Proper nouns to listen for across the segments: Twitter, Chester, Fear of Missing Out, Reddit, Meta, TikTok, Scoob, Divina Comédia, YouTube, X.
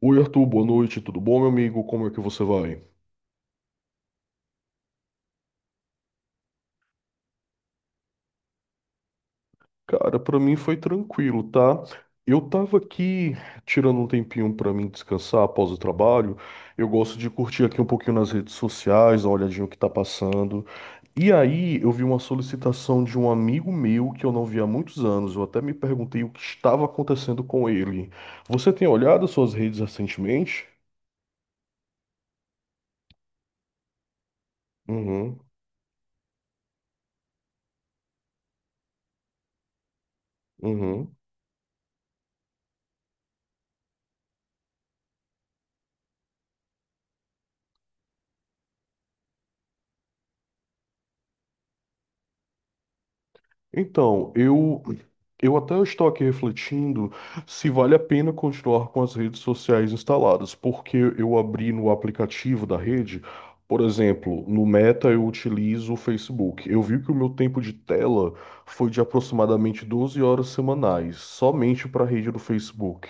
Oi, Arthur, boa noite, tudo bom, meu amigo? Como é que você vai? Cara, pra mim foi tranquilo, tá? Eu tava aqui tirando um tempinho pra mim descansar após o trabalho. Eu gosto de curtir aqui um pouquinho nas redes sociais, dar uma olhadinha o que tá passando. E aí, eu vi uma solicitação de um amigo meu que eu não vi há muitos anos. Eu até me perguntei o que estava acontecendo com ele. Você tem olhado as suas redes recentemente? Uhum, uhum. Então, eu até estou aqui refletindo se vale a pena continuar com as redes sociais instaladas, porque eu abri no aplicativo da rede, por exemplo, no Meta eu utilizo o Facebook. Eu vi que o meu tempo de tela foi de aproximadamente 12 horas semanais, somente para a rede do Facebook.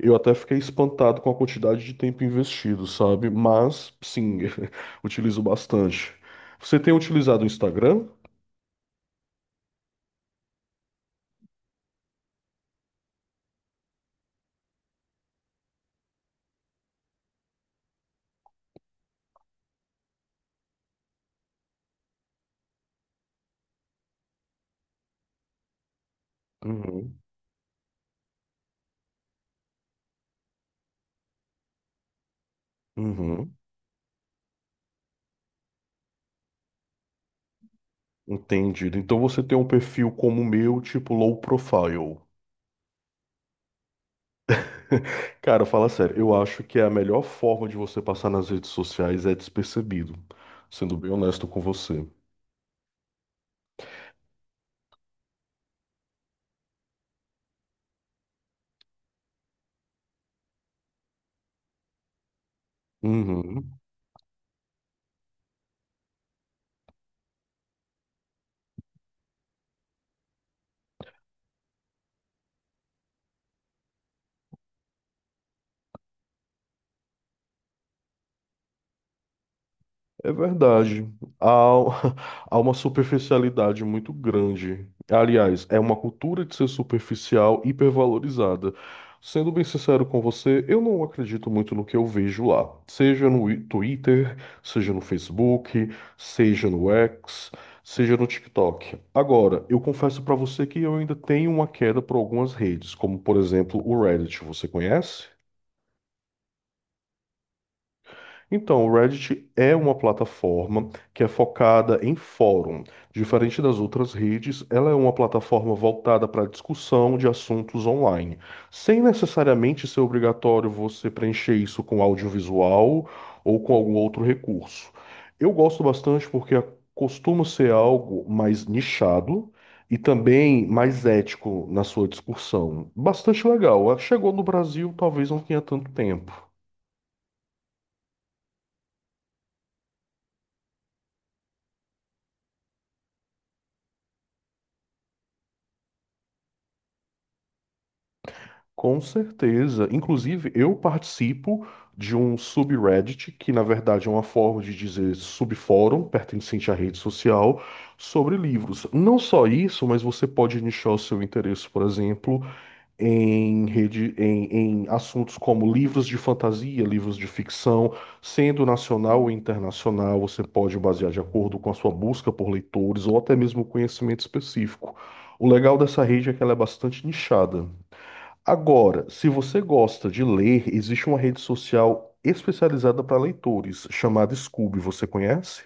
Eu até fiquei espantado com a quantidade de tempo investido, sabe? Mas, sim, utilizo bastante. Você tem utilizado o Instagram? Uhum. Uhum. Entendido. Então você tem um perfil como o meu, tipo low profile. Cara, fala sério, eu acho que é a melhor forma de você passar nas redes sociais é despercebido, sendo bem honesto com você. Uhum. É verdade. Há, há uma superficialidade muito grande. Aliás, é uma cultura de ser superficial hipervalorizada. Sendo bem sincero com você, eu não acredito muito no que eu vejo lá. Seja no Twitter, seja no Facebook, seja no X, seja no TikTok. Agora, eu confesso pra você que eu ainda tenho uma queda por algumas redes, como por exemplo o Reddit. Você conhece? Então, o Reddit é uma plataforma que é focada em fórum. Diferente das outras redes, ela é uma plataforma voltada para discussão de assuntos online, sem necessariamente ser obrigatório você preencher isso com audiovisual ou com algum outro recurso. Eu gosto bastante porque é, costuma ser algo mais nichado e também mais ético na sua discussão. Bastante legal. Chegou no Brasil, talvez não tenha tanto tempo. Com certeza. Inclusive, eu participo de um subreddit, que na verdade é uma forma de dizer subfórum, pertencente à rede social, sobre livros. Não só isso, mas você pode nichar o seu interesse, por exemplo, em rede, em assuntos como livros de fantasia, livros de ficção, sendo nacional ou internacional, você pode basear de acordo com a sua busca por leitores ou até mesmo conhecimento específico. O legal dessa rede é que ela é bastante nichada. Agora, se você gosta de ler, existe uma rede social especializada para leitores, chamada Scoob, você conhece?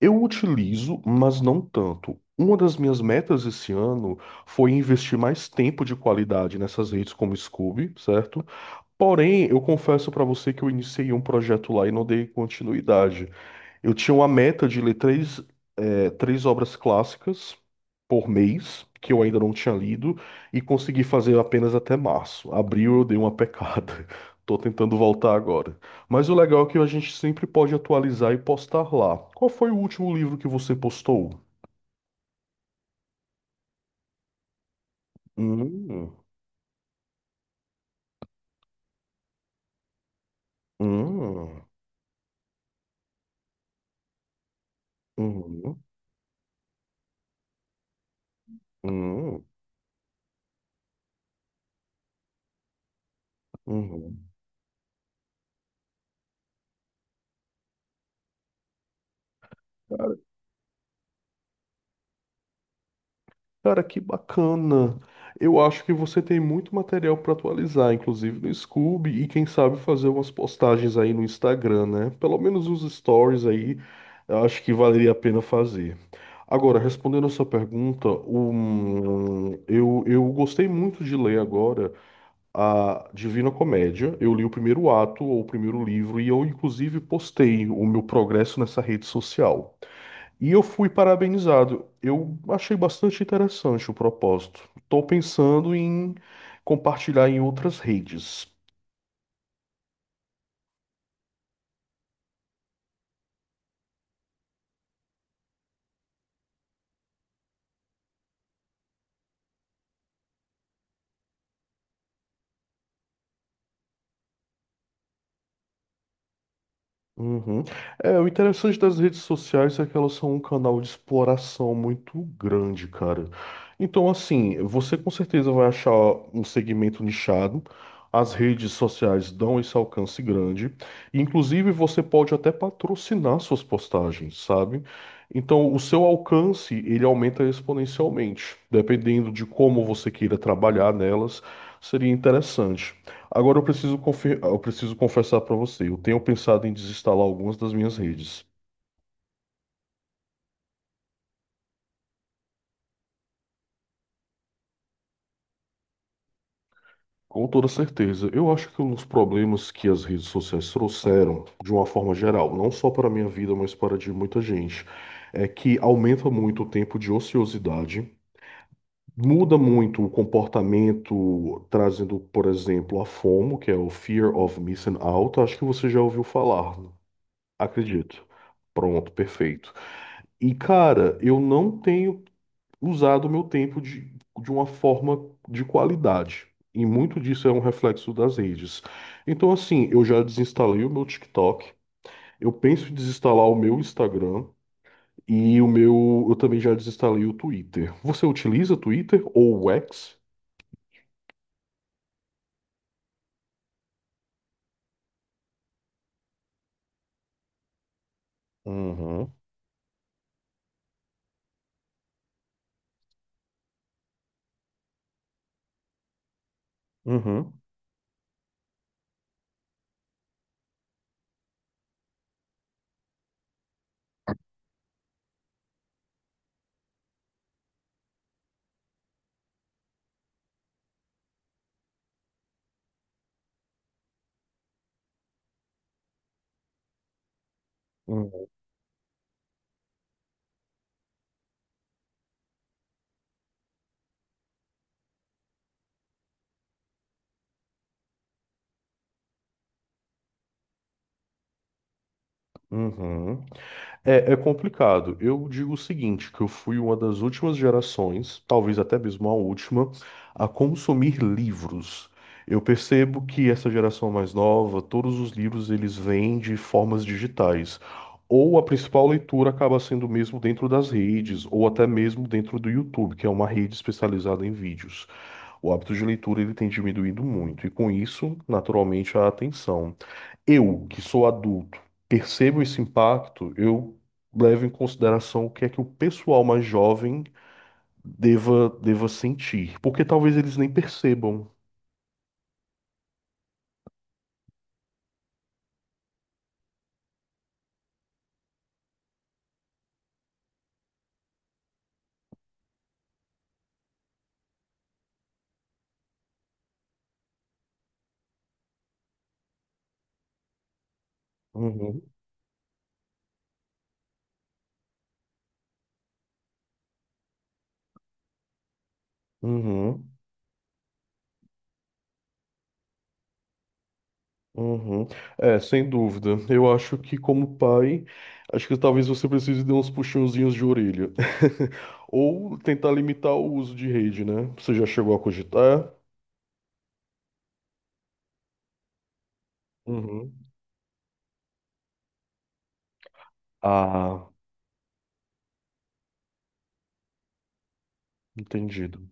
Eu utilizo, mas não tanto. Uma das minhas metas esse ano foi investir mais tempo de qualidade nessas redes como Scoob, certo? Porém, eu confesso para você que eu iniciei um projeto lá e não dei continuidade. Eu tinha uma meta de ler três obras clássicas por mês, que eu ainda não tinha lido, e consegui fazer apenas até março. Abril eu dei uma pecada. Tô tentando voltar agora. Mas o legal é que a gente sempre pode atualizar e postar lá. Qual foi o último livro que você postou? Hum. Hum. Hum. Hum. Hum. Hum. Cara, que bacana. Eu acho que você tem muito material para atualizar, inclusive no Scoob, e quem sabe fazer umas postagens aí no Instagram, né? Pelo menos os stories aí, eu acho que valeria a pena fazer. Agora, respondendo a sua pergunta, eu gostei muito de ler agora a Divina Comédia. Eu li o primeiro ato, ou o primeiro livro, e eu, inclusive, postei o meu progresso nessa rede social. E eu fui parabenizado. Eu achei bastante interessante o propósito. Estou pensando em compartilhar em outras redes. Uhum. É, o interessante das redes sociais é que elas são um canal de exploração muito grande, cara. Então, assim, você com certeza vai achar um segmento nichado. As redes sociais dão esse alcance grande. Inclusive, você pode até patrocinar suas postagens, sabe? Então, o seu alcance, ele aumenta exponencialmente, dependendo de como você queira trabalhar nelas. Seria interessante. Agora eu preciso confessar para você, eu tenho pensado em desinstalar algumas das minhas redes. Com toda certeza, eu acho que um dos problemas que as redes sociais trouxeram, de uma forma geral, não só para a minha vida, mas para a de muita gente, é que aumenta muito o tempo de ociosidade, muda muito o comportamento, trazendo, por exemplo, a FOMO, que é o Fear of Missing Out. Acho que você já ouviu falar, acredito. Pronto, perfeito. E cara, eu não tenho usado o meu tempo de uma forma de qualidade. E muito disso é um reflexo das redes. Então, assim, eu já desinstalei o meu TikTok, eu penso em desinstalar o meu Instagram e o meu, eu também já desinstalei o Twitter. Você utiliza Twitter ou o X? Uhum, uhum, uhum, uhum. É, é complicado. Eu digo o seguinte, que eu fui uma das últimas gerações, talvez até mesmo a última, a consumir livros. Eu percebo que essa geração mais nova, todos os livros eles vêm de formas digitais. Ou a principal leitura acaba sendo mesmo dentro das redes, ou até mesmo dentro do YouTube, que é uma rede especializada em vídeos. O hábito de leitura ele tem diminuído muito, e com isso, naturalmente, a atenção eu, que sou adulto, percebo esse impacto, eu levo em consideração o que é que o pessoal mais jovem deva sentir, porque talvez eles nem percebam. Uhum, uhum, uhum. É, sem dúvida. Eu acho que, como pai, acho que talvez você precise de uns puxãozinhos de orelha. Ou tentar limitar o uso de rede, né? Você já chegou a cogitar? Uhum. Ah, entendido.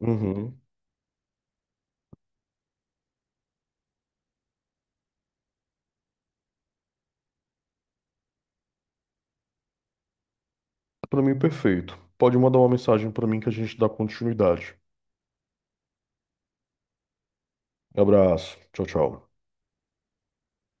Uhum. Para mim, perfeito. Pode mandar uma mensagem para mim que a gente dá continuidade. Abraço. Tchau, tchau.